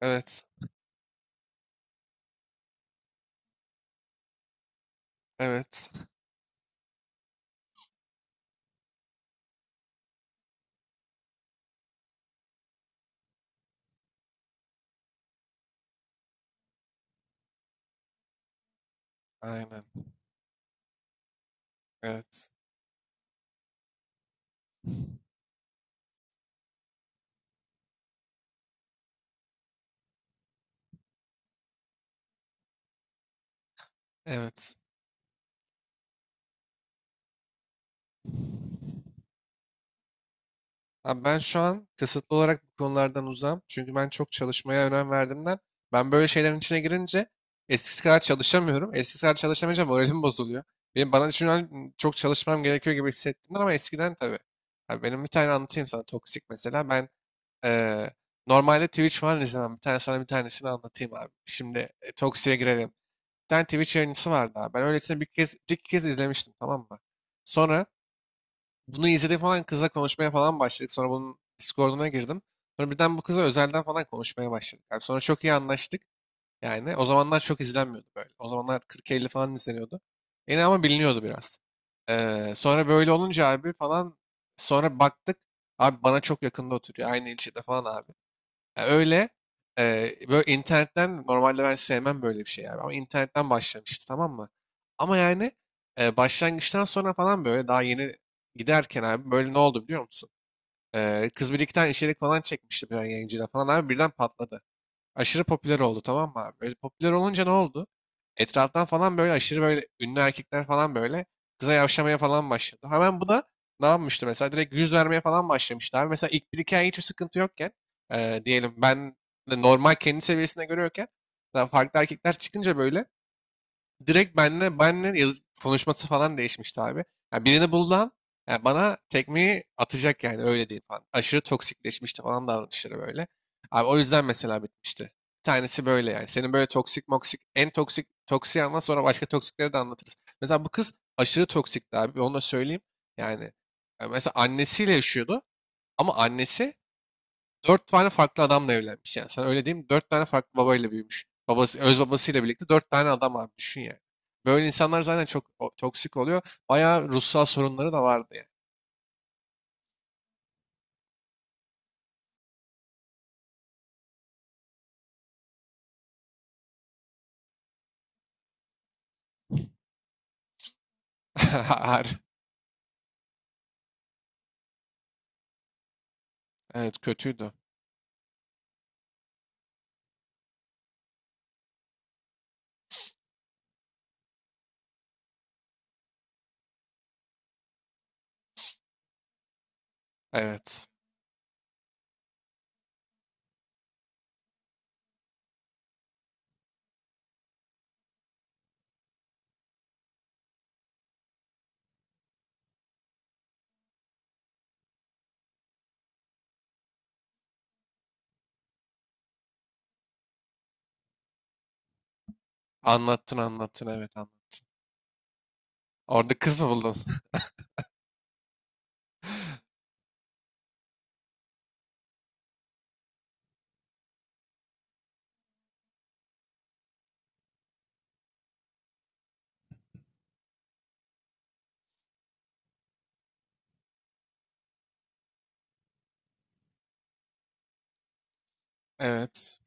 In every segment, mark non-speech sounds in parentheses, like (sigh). Evet. Evet. Aynen. Evet. Evet. Abi ben şu an kısıtlı olarak bu konulardan uzağım. Çünkü ben çok çalışmaya önem verdiğimden ben böyle şeylerin içine girince eskisi kadar çalışamıyorum. Eskisi kadar çalışamayınca moralim bozuluyor. Benim bana şu an çok çalışmam gerekiyor gibi hissettim ama eskiden tabii. Abi benim bir tane anlatayım sana toksik mesela. Ben eee, normalde Twitch falan izlemem. Bir tane sana bir tanesini anlatayım abi. Şimdi toksiğe girelim. Tane Twitch yayıncısı vardı abi. Ben öylesine bir kez, bir iki kez izlemiştim, tamam mı? Sonra bunu izledik falan, kızla konuşmaya falan başladık. Sonra bunun Discord'una girdim. Sonra birden bu kıza özelden falan konuşmaya başladık. Abi sonra çok iyi anlaştık. Yani o zamanlar çok izlenmiyordu böyle. O zamanlar 40-50 falan izleniyordu. Yine ama biliniyordu biraz. Sonra böyle olunca abi falan sonra baktık. Abi bana çok yakında oturuyor. Aynı ilçede falan abi. Ya öyle, böyle internetten normalde ben sevmem böyle bir şey yani ama internetten başlamıştı, tamam mı? Ama yani başlangıçtan sonra falan böyle daha yeni giderken abi böyle ne oldu biliyor musun? Kız Birlik'ten içerik falan çekmişti bir yayıncıyla falan abi, birden patladı. Aşırı popüler oldu, tamam mı abi? Böyle popüler olunca ne oldu? Etraftan falan böyle aşırı böyle ünlü erkekler falan böyle kıza yavşamaya falan başladı. Hemen bu da ne yapmıştı mesela? Direkt yüz vermeye falan başlamıştı abi. Mesela ilk bir iki ay hiçbir sıkıntı yokken diyelim ben de normal kendi seviyesine görüyorken daha farklı erkekler çıkınca böyle direkt benle konuşması falan değişmişti abi. Yani birini buldan yani bana tekmeyi atacak yani, öyle diyeyim falan. Aşırı toksikleşmişti falan davranışları böyle. Abi o yüzden mesela bitmişti. Bir tanesi böyle yani. Senin böyle toksik moksik en toksik toksiği anlat, sonra başka toksikleri de anlatırız. Mesela bu kız aşırı toksikti abi. Onu da söyleyeyim. Yani mesela annesiyle yaşıyordu ama annesi dört tane farklı adamla evlenmiş yani. Sen öyle diyeyim. Dört tane farklı babayla büyümüş. Babası, öz babasıyla birlikte dört tane adam abi, düşün yani. Böyle insanlar zaten çok toksik oluyor. Bayağı ruhsal sorunları da vardı yani. (laughs) Har- Evet, kötüydü. Evet. Anlattın, anlattın, evet, anlattın. Orada kız mı buldun? (laughs) Evet.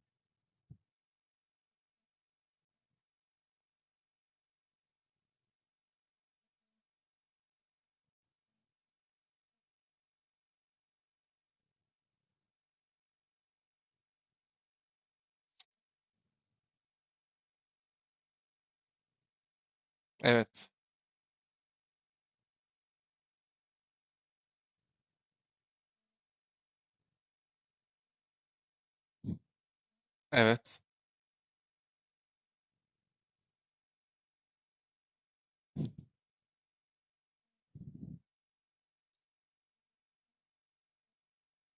Evet. Evet.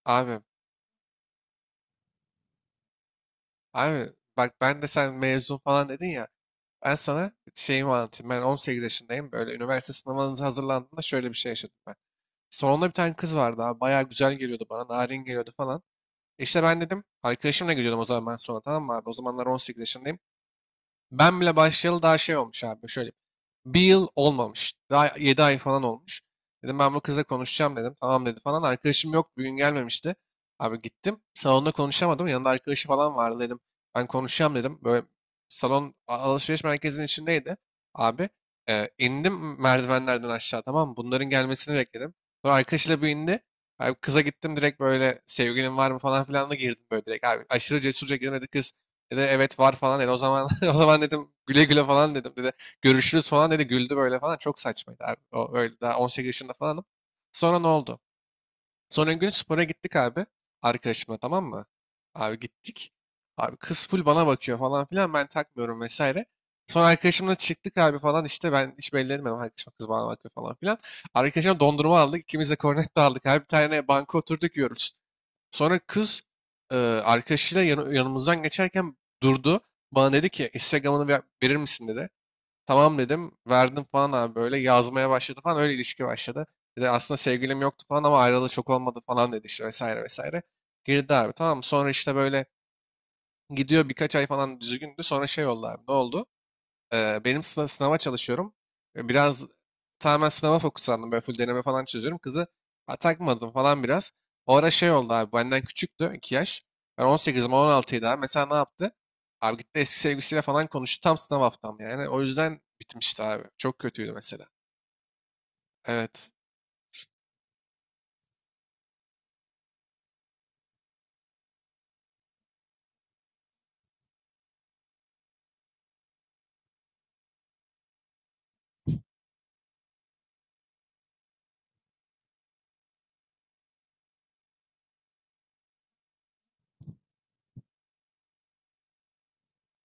Abi. Abi bak, ben de sen mezun falan dedin ya. Ben sana şeyimi anlatayım. Ben 18 yaşındayım. Böyle üniversite sınavınıza hazırlandığımda şöyle bir şey yaşadım ben. Salonda bir tane kız vardı abi. Bayağı güzel geliyordu bana. Narin geliyordu falan. İşte ben dedim. Arkadaşımla gidiyordum o zaman ben, sonra tamam mı abi? O zamanlar 18 yaşındayım. Ben bile başlayalı daha şey olmuş abi. Şöyle bir yıl olmamış. Daha 7 ay falan olmuş. Dedim ben bu kıza konuşacağım dedim. Tamam dedi falan. Arkadaşım yok. Bugün gelmemişti. Abi gittim. Salonda konuşamadım. Yanında arkadaşı falan vardı dedim. Ben konuşacağım dedim. Böyle salon alışveriş merkezinin içindeydi. Abi indim merdivenlerden aşağı, tamam mı? Bunların gelmesini bekledim. Sonra arkadaşıyla bir indi. Abi kıza gittim direkt, böyle sevgilin var mı falan filan da girdim böyle direkt. Abi aşırı cesurca girdim dedi kız. Dedi evet var falan dedi. O zaman (laughs) o zaman dedim, güle güle falan dedim. Dedi görüşürüz falan dedi, güldü böyle falan. Çok saçmaydı abi. O öyle daha 18 yaşında falanım. Sonra ne oldu? Sonra gün spora gittik abi. Arkadaşımla, tamam mı? Abi gittik. Abi kız full bana bakıyor falan filan, ben takmıyorum vesaire. Sonra arkadaşımla çıktık abi falan, işte ben hiç belli etmedim arkadaşım, kız bana bakıyor falan filan. Arkadaşım dondurma aldık, ikimiz de kornetto aldık abi, bir tane banka oturduk yiyoruz. Sonra kız e, arkadaşıyla yanımızdan geçerken durdu. Bana dedi ki Instagram'ını verir misin dedi. Tamam dedim. Verdim falan abi, böyle yazmaya başladı falan, öyle ilişki başladı. Bir de aslında sevgilim yoktu falan ama ayrılığı çok olmadı falan dedi işte, vesaire vesaire. Girdi abi tamam, sonra işte böyle gidiyor birkaç ay falan düzgündü, sonra şey oldu abi, ne oldu? Benim sınava çalışıyorum. Biraz tamamen sınava fokuslandım. Böyle full deneme falan çözüyorum. Kızı ha, takmadım falan biraz. O ara şey oldu abi. Benden küçüktü 2 yaş. Ben 18'im, 16'ydı abi. Mesela ne yaptı? Abi gitti eski sevgilisiyle falan konuştu. Tam sınav haftam yani. O yüzden bitmişti abi. Çok kötüydü mesela. Evet.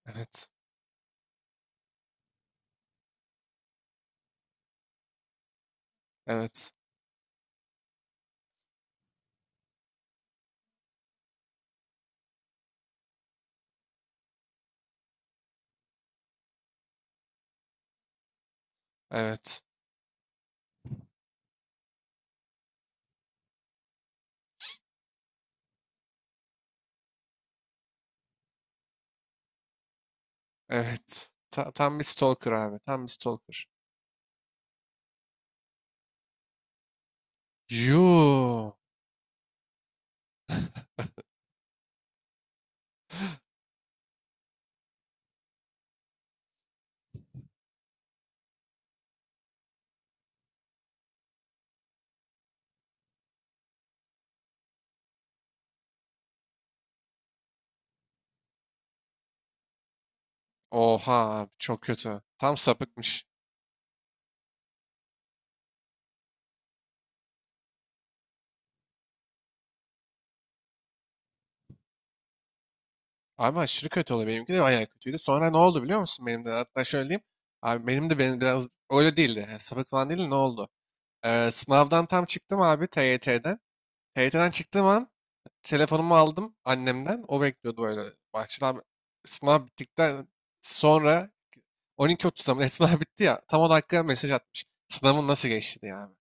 Evet. Evet. Evet. Evet. Tam bir stalker abi. Tam bir stalker. Yuu. (laughs) Oha abi, çok kötü. Tam sapıkmış. Abi aşırı kötü oluyor. Benimki de bayağı kötüydü. Sonra ne oldu biliyor musun benim de? Hatta şöyle diyeyim. Abi benim de benim biraz öyle değildi. Yani sapık falan değildi. Ne oldu? Sınavdan tam çıktım abi TYT'den. TYT'den çıktığım an telefonumu aldım annemden. O bekliyordu böyle bahçede abi. Sınav bittikten sonra 12.30'da mı ne (laughs) sınav bitti ya. Tam o dakika mesaj atmış. Sınavın nasıl geçti diye abi.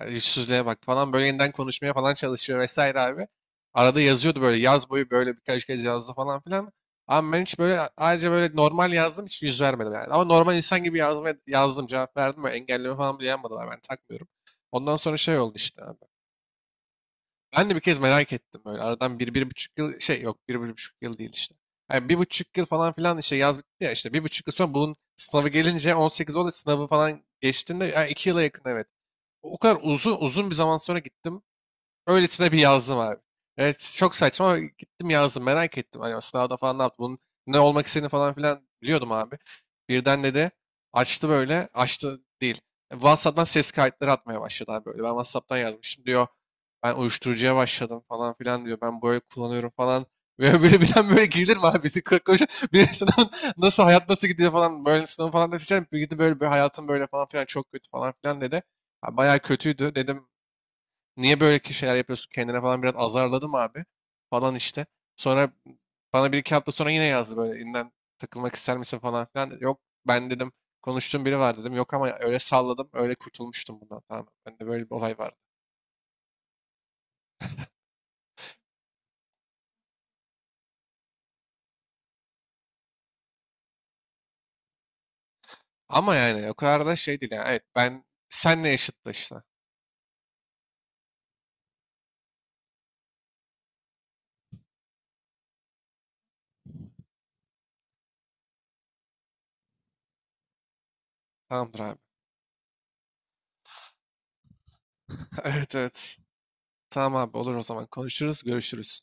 Yani yüzsüzlüğe bak falan, böyle yeniden konuşmaya falan çalışıyor vesaire abi. Arada yazıyordu böyle, yaz boyu böyle birkaç kez yazdı falan filan. Ama ben hiç böyle ayrıca böyle normal yazdım, hiç yüz vermedim yani. Ama normal insan gibi yazmaya, yazdım, cevap verdim ve engelleme falan bile yapmadılar, ben takmıyorum. Ondan sonra şey oldu işte abi. Ben de bir kez merak ettim, böyle aradan bir, bir buçuk yıl şey, yok bir, bir buçuk yıl değil işte. Yani bir buçuk yıl falan filan işte, yaz bitti ya, işte bir buçuk yıl sonra bunun sınavı gelince 18 oldu, sınavı falan geçtiğinde, yani 2 yıla yakın evet. O kadar uzun uzun bir zaman sonra gittim. Öylesine bir yazdım abi. Evet çok saçma ama gittim yazdım, merak ettim. Hani sınavda falan ne yaptı bunun, ne olmak istediğini falan filan biliyordum abi. Birden dedi açtı, böyle açtı değil. WhatsApp'tan ses kayıtları atmaya başladı abi böyle. Ben WhatsApp'tan yazmışım diyor. Ben uyuşturucuya başladım falan filan diyor. Ben böyle kullanıyorum falan. (laughs) Böyle böyle bilen böyle gelir mi abi? Bizi kırk koş. (laughs) Bir sınav nasıl, hayat nasıl gidiyor falan. Böyle sınavı falan da seçerim. Bir gidi böyle, bir hayatım böyle falan filan çok kötü falan filan dedi. Ha, bayağı kötüydü. Dedim niye böyle ki şeyler yapıyorsun kendine falan, biraz azarladım abi falan işte. Sonra bana bir iki hafta sonra yine yazdı, böyle yeniden takılmak ister misin falan filan. Yok ben dedim, konuştuğum biri var dedim. Yok ama, öyle salladım, öyle kurtulmuştum bundan, tamam. Bende böyle bir olay vardı. Ama yani o kadar da şey değil yani. Evet, ben senle yaşıttı işte. Tamamdır abi. (laughs) Evet, evet. Tamam abi, olur, o zaman konuşuruz, görüşürüz.